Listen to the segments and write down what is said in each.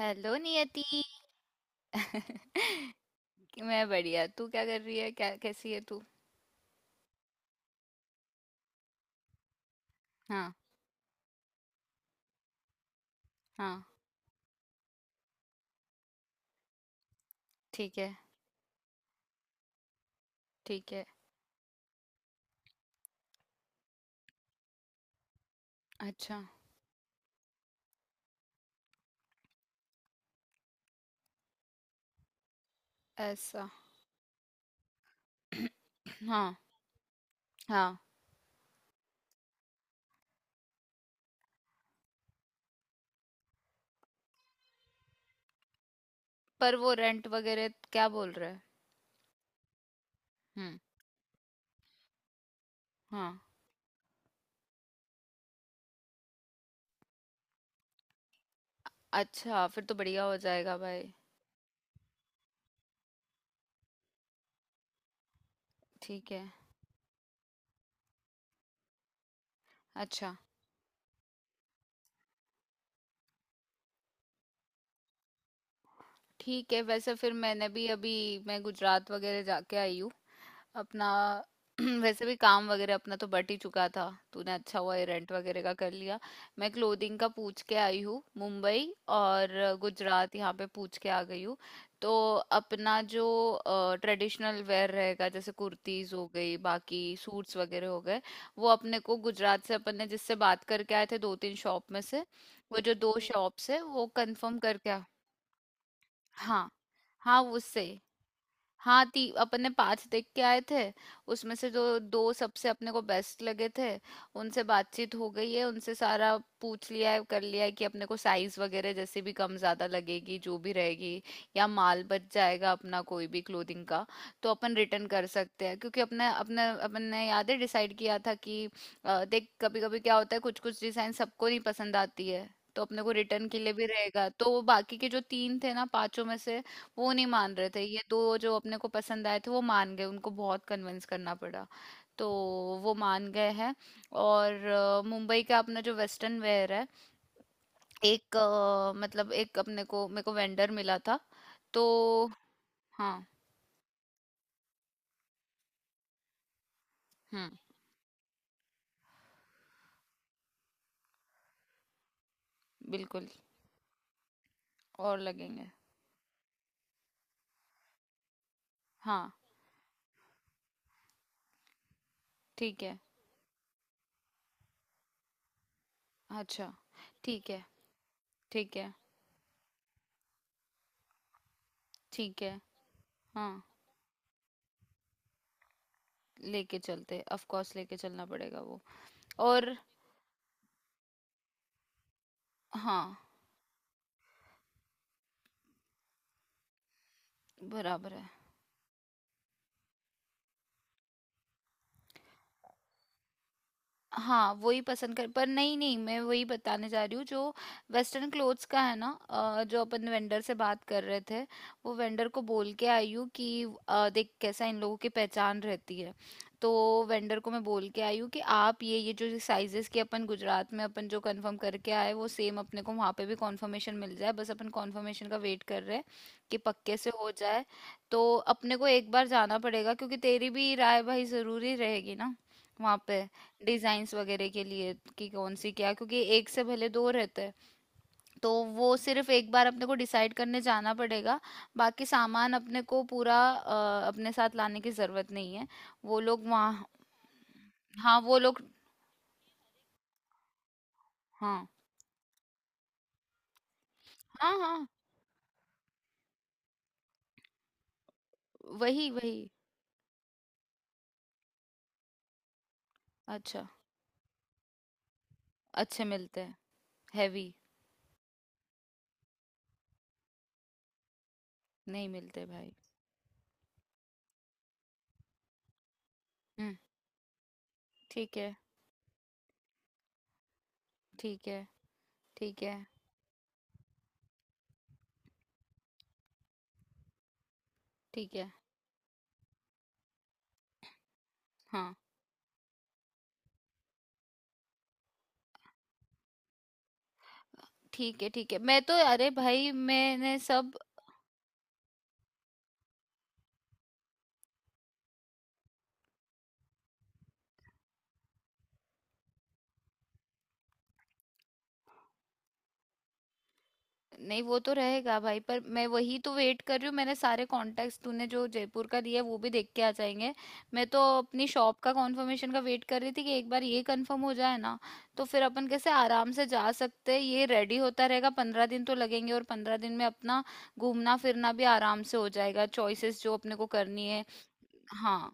Hello नियति। कि मैं बढ़िया। तू क्या कर रही है? क्या कैसी है तू? हाँ। हाँ, ठीक है। ठीक है। अच्छा। ऐसा। हाँ। हाँ, पर वो रेंट वगैरह क्या बोल रहा है? हम्म। हाँ, अच्छा फिर तो बढ़िया हो जाएगा भाई। ठीक है। अच्छा, ठीक है। वैसे फिर मैंने भी अभी मैं गुजरात वगैरह जाके आई हूँ। अपना वैसे भी काम वगैरह अपना तो बट ही चुका था। तूने अच्छा हुआ ये रेंट वगैरह का कर लिया। मैं क्लोथिंग का पूछ के आई हूँ मुंबई और गुजरात। यहाँ पे पूछ के आ गई हूँ। तो अपना जो ट्रेडिशनल वेयर रहेगा, जैसे कुर्तीज हो गई, बाकी सूट्स वगैरह हो गए। वो अपने को गुजरात से अपन ने जिससे बात करके आए थे दो तीन शॉप में से, वो जो दो शॉप्स है वो कंफर्म करके हाँ। हाँ, उससे। हाँ, ती अपन ने पांच देख के आए थे। उसमें से जो दो सबसे अपने को बेस्ट लगे थे उनसे बातचीत हो गई है। उनसे सारा पूछ लिया है, कर लिया है कि अपने को साइज वगैरह जैसे भी कम ज्यादा लगेगी जो भी रहेगी, या माल बच जाएगा अपना कोई भी क्लोथिंग का, तो अपन रिटर्न कर सकते हैं। क्योंकि अपने अपने अपन ने याद है डिसाइड किया था कि देख, कभी कभी क्या होता है, कुछ कुछ डिजाइन सबको नहीं पसंद आती है। तो अपने को रिटर्न के लिए भी रहेगा। तो वो बाकी के जो तीन थे ना पांचों में से, वो नहीं मान रहे थे। ये दो जो अपने को पसंद आए थे वो मान गए, उनको बहुत कन्विंस करना पड़ा। तो वो मान गए हैं। और मुंबई का अपना जो वेस्टर्न वेयर है, एक मतलब एक अपने को मेरे को वेंडर मिला था। तो हाँ। हम्म। बिल्कुल। और लगेंगे। हाँ, ठीक है। अच्छा। ठीक है। ठीक है। ठीक है। हाँ, लेके चलते ऑफ कोर्स लेके चलना पड़ेगा वो। और हाँ, बराबर है। हाँ, वही पसंद कर। पर नहीं-नहीं, मैं वही बताने जा रही हूँ जो वेस्टर्न क्लोथ्स का है ना। जो अपन वेंडर से बात कर रहे थे, वो वेंडर को बोल के आई हूँ कि देख कैसा इन लोगों की पहचान रहती है। तो वेंडर को मैं बोल के आई हूँ कि आप ये जो साइजेस के अपन गुजरात में अपन जो कंफर्म करके आए, वो सेम अपने को वहाँ पे भी कंफर्मेशन मिल जाए। बस अपन कंफर्मेशन का वेट कर रहे हैं कि पक्के से हो जाए। तो अपने को एक बार जाना पड़ेगा, क्योंकि तेरी भी राय भाई ज़रूरी रहेगी ना वहाँ पे डिजाइन्स वगैरह के लिए, कि कौन सी क्या। क्योंकि एक से भले दो रहते हैं, तो वो सिर्फ एक बार अपने को डिसाइड करने जाना पड़ेगा। बाकी सामान अपने को पूरा अपने साथ लाने की जरूरत नहीं है। वो लोग वहाँ। हाँ, वो लोग। हाँ। हाँ। हाँ, वही, वही। अच्छा, अच्छे मिलते हैं। हैवी नहीं मिलते भाई। हम्म। ठीक है। ठीक है। ठीक है। ठीक है। हाँ, ठीक है। ठीक है, मैं तो अरे भाई मैंने सब। नहीं, वो तो रहेगा भाई। पर मैं वही तो वेट कर रही हूँ। मैंने सारे कॉन्टैक्ट्स, तूने जो जयपुर का दिया है, वो भी देख के आ जाएंगे। मैं तो अपनी शॉप का कॉन्फर्मेशन का वेट कर रही थी कि एक बार ये कंफर्म हो जाए ना। तो फिर अपन कैसे आराम से जा सकते हैं। ये रेडी होता रहेगा, 15 दिन तो लगेंगे। और 15 दिन में अपना घूमना फिरना भी आराम से हो जाएगा, चॉइसेस जो अपने को करनी है। हाँ,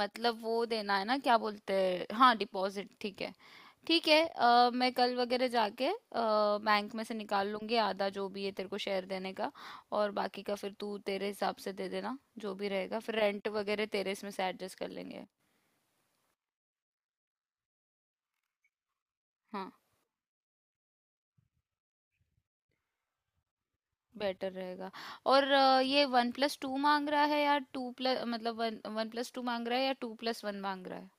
मतलब वो देना है ना। क्या बोलते हैं, हाँ, डिपॉजिट, ठीक है। ठीक है, मैं कल वगैरह जाके बैंक में से निकाल लूंगी आधा, जो भी है तेरे को शेयर देने का। और बाकी का फिर तू तेरे हिसाब से दे देना, जो भी रहेगा। फिर रेंट वगैरह तेरे इसमें से एडजस्ट कर लेंगे। हाँ, बेटर रहेगा। और ये वन प्लस टू मांग रहा है या टू प्लस, मतलब वन वन प्लस टू मांग रहा है या टू प्लस वन मांग रहा है?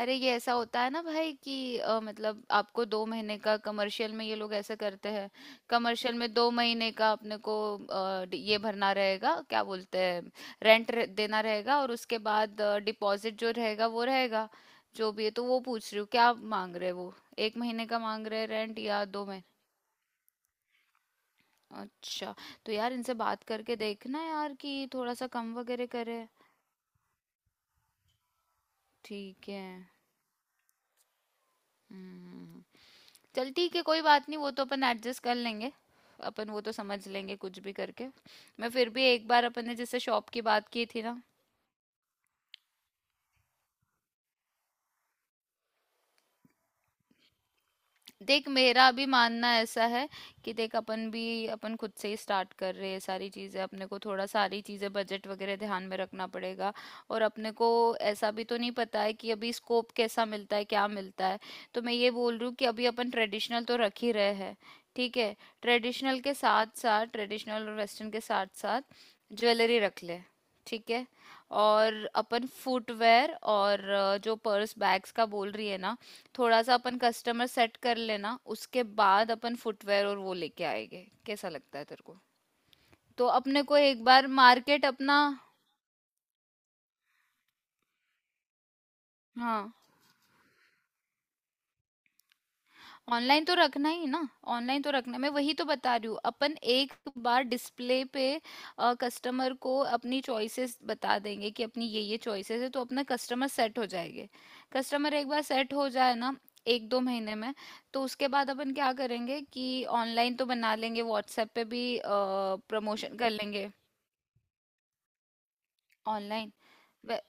अरे, ये ऐसा होता है ना भाई कि मतलब आपको 2 महीने का कमर्शियल में ये लोग ऐसे करते हैं। कमर्शियल में 2 महीने का अपने को ये भरना रहेगा, क्या बोलते हैं, रेंट देना रहेगा। और उसके बाद डिपॉजिट जो रहेगा वो रहेगा, जो भी है। तो वो पूछ रही हूँ क्या मांग रहे हैं वो, 1 महीने का मांग रहे हैं रेंट या 2 महीने? अच्छा, तो यार इनसे बात करके देखना यार कि थोड़ा सा कम वगैरह करे। ठीक है। हम्म। चल ठीक है, कोई बात नहीं, वो तो अपन एडजस्ट कर लेंगे। अपन वो तो समझ लेंगे कुछ भी करके। मैं फिर भी एक बार, अपन ने जैसे शॉप की बात की थी ना, देख मेरा भी मानना ऐसा है कि देख, अपन भी अपन खुद से ही स्टार्ट कर रहे हैं सारी चीज़ें। अपने को थोड़ा सारी चीज़ें बजट वगैरह ध्यान में रखना पड़ेगा। और अपने को ऐसा भी तो नहीं पता है कि अभी स्कोप कैसा मिलता है, क्या मिलता है। तो मैं ये बोल रही हूँ कि अभी अपन ट्रेडिशनल तो रख ही रहे हैं, ठीक है? ट्रेडिशनल के साथ साथ, ट्रेडिशनल और वेस्टर्न के साथ साथ ज्वेलरी रख ले, ठीक है? और अपन फुटवेयर और जो पर्स बैग्स का बोल रही है ना, थोड़ा सा अपन कस्टमर सेट कर लेना, उसके बाद अपन फुटवेयर और वो लेके आएंगे। कैसा लगता है तेरे को? तो अपने को एक बार मार्केट अपना। हाँ, ऑनलाइन तो रखना ही ना। ऑनलाइन तो रखना, मैं वही तो बता रही हूँ। अपन एक बार डिस्प्ले पे कस्टमर को अपनी चॉइसेस बता देंगे कि अपनी ये चॉइसेस है, तो अपना कस्टमर सेट हो जाएंगे। कस्टमर एक बार सेट हो जाए ना, एक दो महीने में। तो उसके बाद अपन क्या करेंगे कि ऑनलाइन तो बना लेंगे, व्हाट्सएप पे भी प्रमोशन कर लेंगे online. Wh-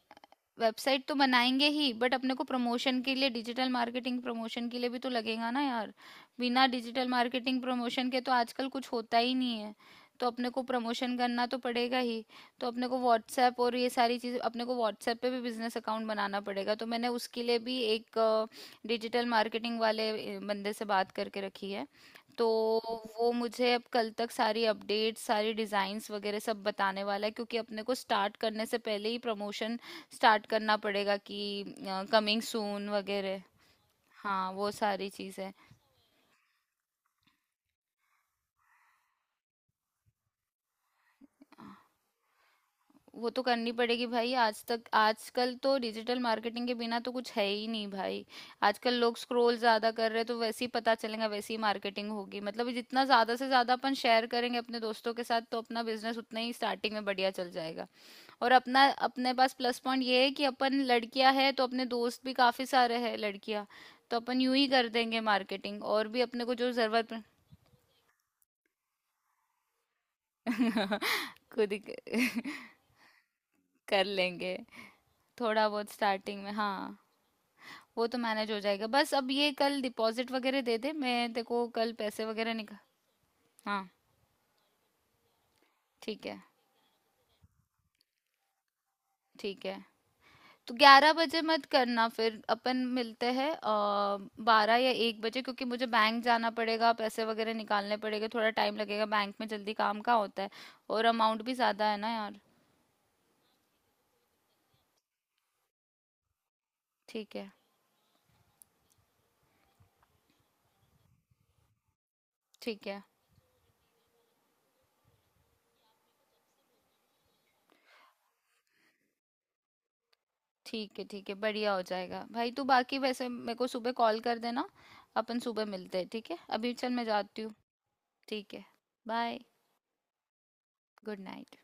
वेबसाइट तो बनाएंगे ही, बट अपने को प्रमोशन के लिए डिजिटल मार्केटिंग प्रमोशन के लिए भी तो लगेगा ना यार। बिना डिजिटल मार्केटिंग प्रमोशन के तो आजकल कुछ होता ही नहीं है। तो अपने को प्रमोशन करना तो पड़ेगा ही। तो अपने को व्हाट्सएप और ये सारी चीज़, अपने को व्हाट्सएप पे भी बिजनेस अकाउंट बनाना पड़ेगा। तो मैंने उसके लिए भी एक डिजिटल मार्केटिंग वाले बंदे से बात करके रखी है। तो वो मुझे अब कल तक सारी अपडेट्स, सारी डिज़ाइंस वगैरह सब बताने वाला है, क्योंकि अपने को स्टार्ट करने से पहले ही प्रमोशन स्टार्ट करना पड़ेगा कि कमिंग सून वगैरह। हाँ, वो सारी चीजें। वो तो करनी पड़ेगी भाई, आज तक, आजकल तो डिजिटल मार्केटिंग के बिना तो कुछ है ही नहीं भाई। आजकल लोग स्क्रॉल ज्यादा कर रहे हैं, तो वैसे ही पता चलेगा, वैसे ही मार्केटिंग होगी। मतलब जितना ज्यादा से ज्यादा अपन शेयर करेंगे अपने दोस्तों के साथ, तो अपना बिजनेस उतना ही स्टार्टिंग में बढ़िया चल जाएगा। और अपना, अपने पास प्लस पॉइंट ये है कि अपन लड़कियां हैं, तो अपने दोस्त भी काफी सारे हैं लड़कियां। तो अपन यूं ही कर देंगे मार्केटिंग, और भी अपने को जो जरूरत खुद ही कर लेंगे थोड़ा बहुत स्टार्टिंग में। हाँ, वो तो मैनेज हो जाएगा। बस अब ये कल डिपॉजिट वगैरह दे दे, मैं तेरे को कल पैसे वगैरह निकाल। हाँ, ठीक है। ठीक है, तो 11 बजे मत करना, फिर अपन मिलते हैं 12 या 1 बजे, क्योंकि मुझे बैंक जाना पड़ेगा, पैसे वगैरह निकालने पड़ेंगे, थोड़ा टाइम लगेगा बैंक में, जल्दी काम का होता है। और अमाउंट भी ज़्यादा है ना यार। ठीक है। ठीक है। ठीक है। ठीक है, बढ़िया हो जाएगा भाई। तू बाकी वैसे मेरे को सुबह कॉल कर देना। अपन सुबह मिलते हैं, ठीक है? अभी चल, मैं जाती हूँ। ठीक है, बाय, गुड नाइट।